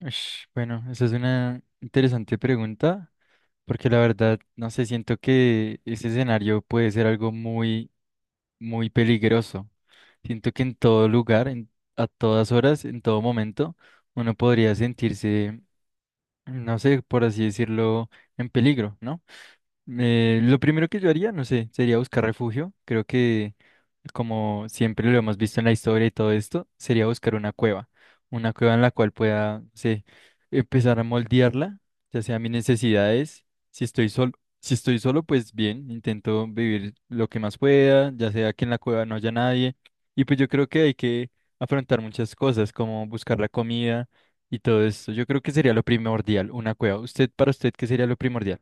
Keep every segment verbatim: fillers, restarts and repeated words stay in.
Ush, Bueno, esa es una interesante pregunta, porque la verdad, no sé, siento que ese escenario puede ser algo muy, muy peligroso. Siento que en todo lugar, en- a todas horas, en todo momento, uno podría sentirse, no sé, por así decirlo, en peligro, ¿no? Eh, lo primero que yo haría, no sé, sería buscar refugio. Creo que, como siempre lo hemos visto en la historia y todo esto, sería buscar una cueva. Una cueva en la cual pueda, no sé, empezar a moldearla, ya sea mis necesidades. Si estoy solo, si estoy solo, pues bien, intento vivir lo que más pueda, ya sea que en la cueva no haya nadie. Y pues yo creo que hay que afrontar muchas cosas, como buscar la comida y todo esto. Yo creo que sería lo primordial, una cueva. ¿Usted, para usted, qué sería lo primordial?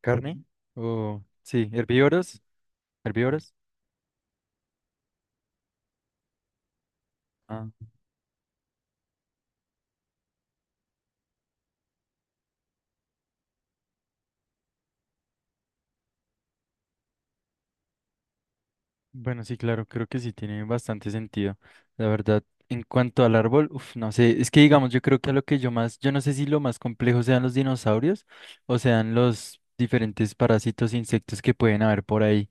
¿Carne? O sí, herbívoros, herbívoros. Ah, bueno, sí, claro, creo que sí tiene bastante sentido. La verdad, en cuanto al árbol, uf, no sé, es que digamos, yo creo que a lo que yo más, yo no sé si lo más complejo sean los dinosaurios o sean los diferentes parásitos, e insectos que pueden haber por ahí.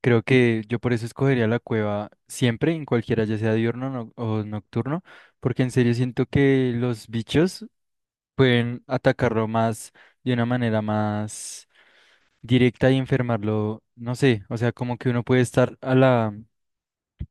Creo que yo por eso escogería la cueva siempre, en cualquiera, ya sea diurno no- o nocturno, porque en serio siento que los bichos pueden atacarlo más de una manera más directa y enfermarlo, no sé, o sea, como que uno puede estar a la,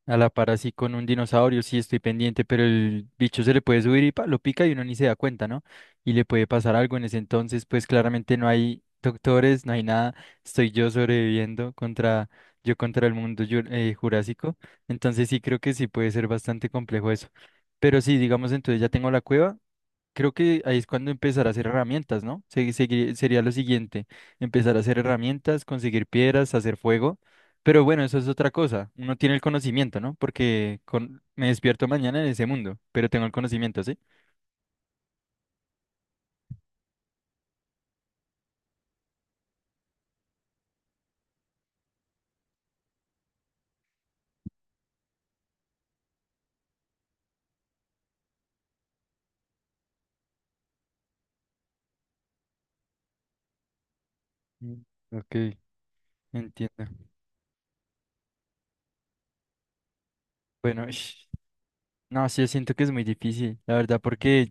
a la par así con un dinosaurio, sí estoy pendiente, pero el bicho se le puede subir y pa, lo pica y uno ni se da cuenta, ¿no? Y le puede pasar algo en ese entonces, pues claramente no hay doctores, no hay nada, estoy yo sobreviviendo contra, yo contra el mundo yu- eh, jurásico, entonces sí creo que sí puede ser bastante complejo eso. Pero sí, digamos, entonces ya tengo la cueva. Creo que ahí es cuando empezar a hacer herramientas, ¿no? Se- segui- sería lo siguiente, empezar a hacer herramientas, conseguir piedras, hacer fuego. Pero bueno, eso es otra cosa. Uno tiene el conocimiento, ¿no? Porque con, me despierto mañana en ese mundo, pero tengo el conocimiento, ¿sí? Mm, ok, entiendo. Bueno, no, sí, yo siento que es muy difícil, la verdad, porque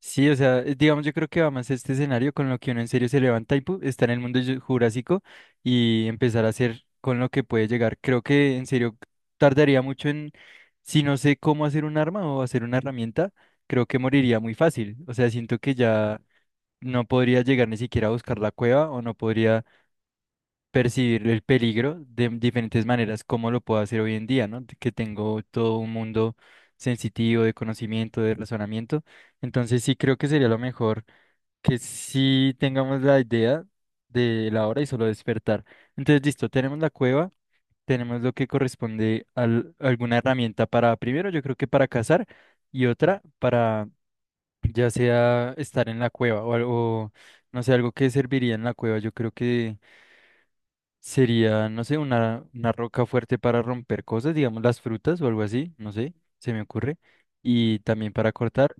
sí, o sea, eh, digamos, yo creo que va más este escenario con lo que uno en serio se levanta y pu, está en el mundo ju- jurásico y empezar a hacer con lo que puede llegar. Creo que en serio tardaría mucho en, si no sé cómo hacer un arma o hacer una herramienta, creo que moriría muy fácil. O sea, siento que ya no podría llegar ni siquiera a buscar la cueva o no podría percibir el peligro de diferentes maneras, como lo puedo hacer hoy en día, ¿no? Que tengo todo un mundo sensitivo de conocimiento, de razonamiento. Entonces sí creo que sería lo mejor que sí tengamos la idea de la hora y solo despertar. Entonces, listo, tenemos la cueva, tenemos lo que corresponde a alguna herramienta para, primero, yo creo que para cazar y otra para ya sea estar en la cueva o algo, no sé, algo que serviría en la cueva. Yo creo que... Sería, no sé, una, una roca fuerte para romper cosas, digamos las frutas o algo así, no sé, se me ocurre. Y también para cortar.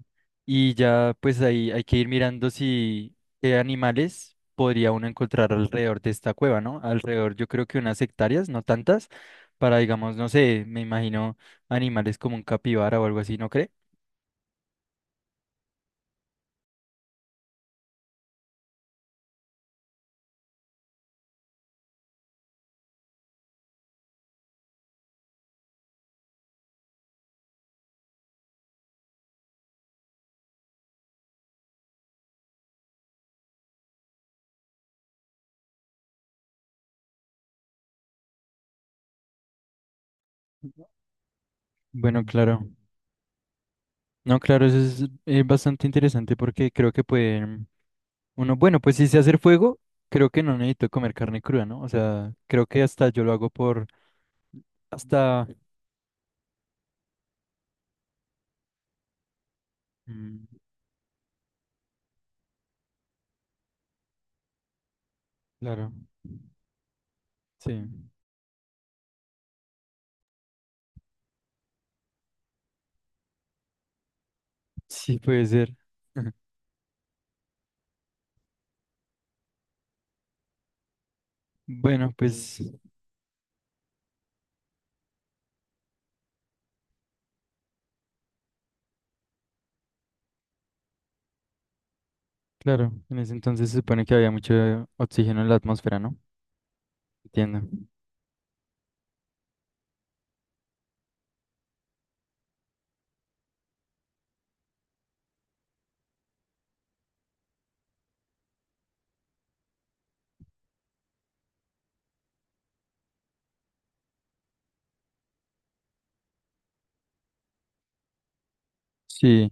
Y ya pues ahí hay que ir mirando si qué animales podría uno encontrar alrededor de esta cueva, ¿no? Alrededor yo creo que unas hectáreas, no tantas, para digamos, no sé, me imagino animales como un capibara o algo así, ¿no cree? Bueno, claro. No, claro, eso es eh, bastante interesante porque creo que pueden... Uno, bueno, pues si sé hacer fuego, creo que no necesito comer carne cruda, ¿no? O sea, creo que hasta yo lo hago por, hasta, mm, claro, sí, sí puede ser. Bueno, pues, claro, en ese entonces se supone que había mucho oxígeno en la atmósfera, ¿no? Entiendo. Sí,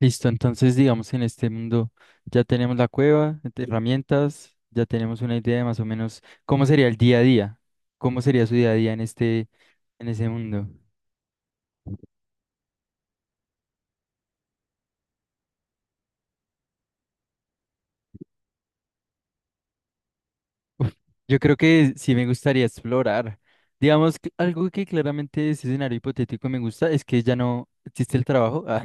listo. Entonces, digamos, en este mundo ya tenemos la cueva, este, herramientas, ya tenemos una idea de más o menos cómo sería el día a día, cómo sería su día a día en este, en ese mundo. Uf, yo creo que sí me gustaría explorar. Digamos, que algo que claramente de ese escenario hipotético me gusta es que ya no existe el trabajo. Ah,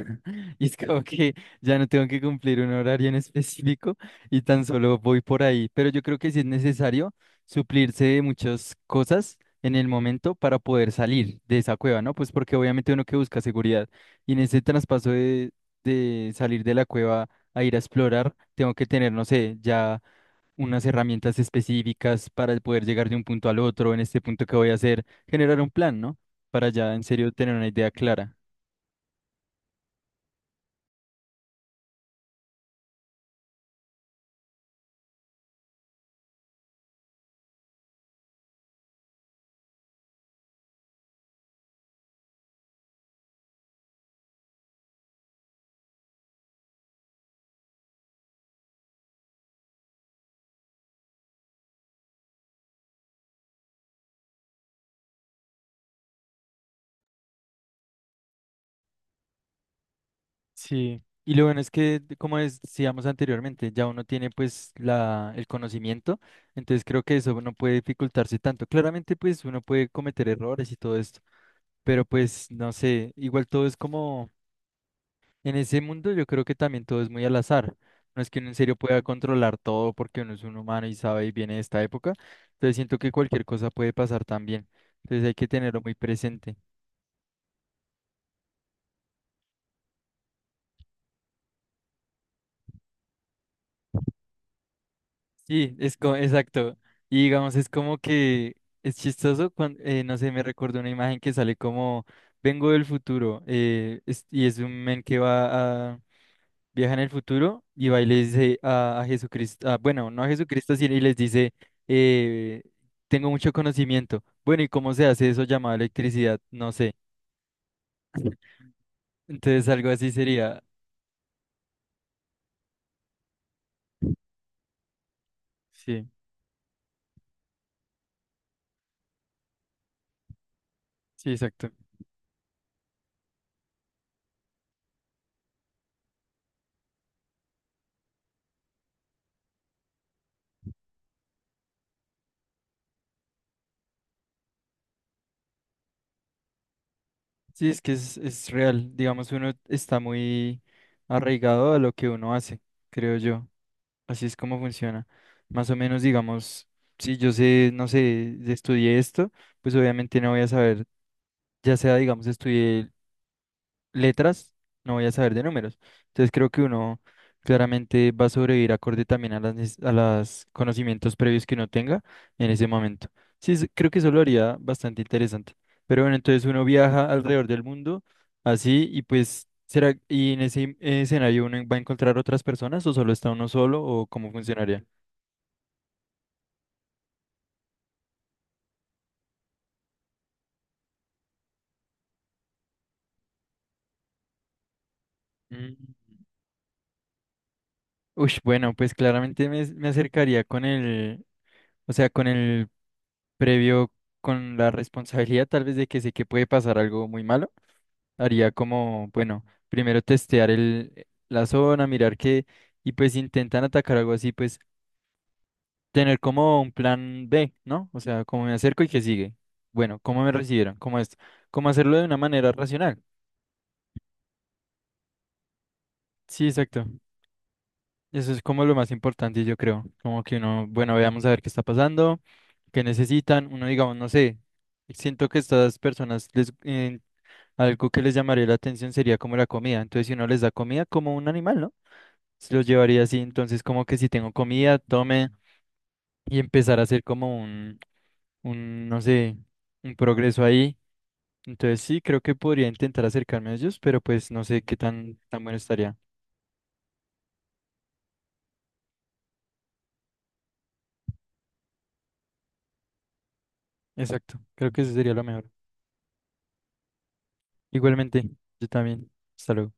y es como que ya no tengo que cumplir un horario en específico y tan solo voy por ahí. Pero yo creo que sí es necesario suplirse de muchas cosas en el momento para poder salir de esa cueva, ¿no? Pues porque obviamente uno que busca seguridad y en ese traspaso de, de salir de la cueva a ir a explorar, tengo que tener, no sé, ya unas herramientas específicas para poder llegar de un punto al otro, en este punto que voy a hacer, generar un plan, ¿no? Para ya en serio tener una idea clara. Sí, y lo bueno es que, como decíamos anteriormente, ya uno tiene pues la, el conocimiento, entonces creo que eso no puede dificultarse tanto. Claramente pues uno puede cometer errores y todo esto, pero pues no sé, igual todo es como en ese mundo yo creo que también todo es muy al azar. No es que uno en serio pueda controlar todo porque uno es un humano y sabe y viene de esta época. Entonces siento que cualquier cosa puede pasar también. Entonces hay que tenerlo muy presente. Sí, es co- exacto. Y digamos, es como que es chistoso cuando, no sé, me recuerdo una imagen que sale como, vengo del futuro eh, es- y es un men que va a, viaja en el futuro y va y le dice a, a Jesucristo, ah, bueno, no a Jesucristo, sino y les dice, eh, tengo mucho conocimiento. Bueno, ¿y cómo se hace eso llamado electricidad? No sé. Entonces algo así sería. Sí, sí, exacto. Sí, es que es, es real. Digamos, uno está muy arraigado a lo que uno hace, creo yo. Así es como funciona. Más o menos, digamos, si yo sé, no sé, estudié esto, pues obviamente no voy a saber, ya sea, digamos, estudié letras, no voy a saber de números. Entonces creo que uno claramente va a sobrevivir acorde también a las, neces- a los conocimientos previos que uno tenga en ese momento. Sí, es- creo que eso lo haría bastante interesante. Pero bueno, entonces uno viaja alrededor del mundo así y pues será, ¿y en ese eh, escenario uno va a encontrar otras personas o solo está uno solo o cómo funcionaría? Mm. Ush, bueno, pues claramente me, me acercaría con el, o sea, con el previo con la responsabilidad tal vez de que sé que puede pasar algo muy malo, haría como, bueno, primero testear el, la zona, mirar que, y pues si intentan atacar algo así, pues tener como un plan be, ¿no? O sea, cómo me acerco y qué sigue. Bueno, cómo me recibieron, cómo esto, cómo hacerlo de una manera racional. Sí, exacto. Eso es como lo más importante, yo creo. Como que uno, bueno, veamos a ver qué está pasando, qué necesitan. Uno, digamos, no sé, siento que estas personas les, algo que les llamaría la atención sería como la comida. Entonces, si uno les da comida como un animal, ¿no? Se los llevaría así. Entonces, como que si tengo comida, tome y empezar a hacer como un, un, no sé, un progreso ahí. Entonces, sí, creo que podría intentar acercarme a ellos, pero pues no sé qué tan, tan bueno estaría. Exacto, creo que eso sería lo mejor. Igualmente, yo también. Hasta luego.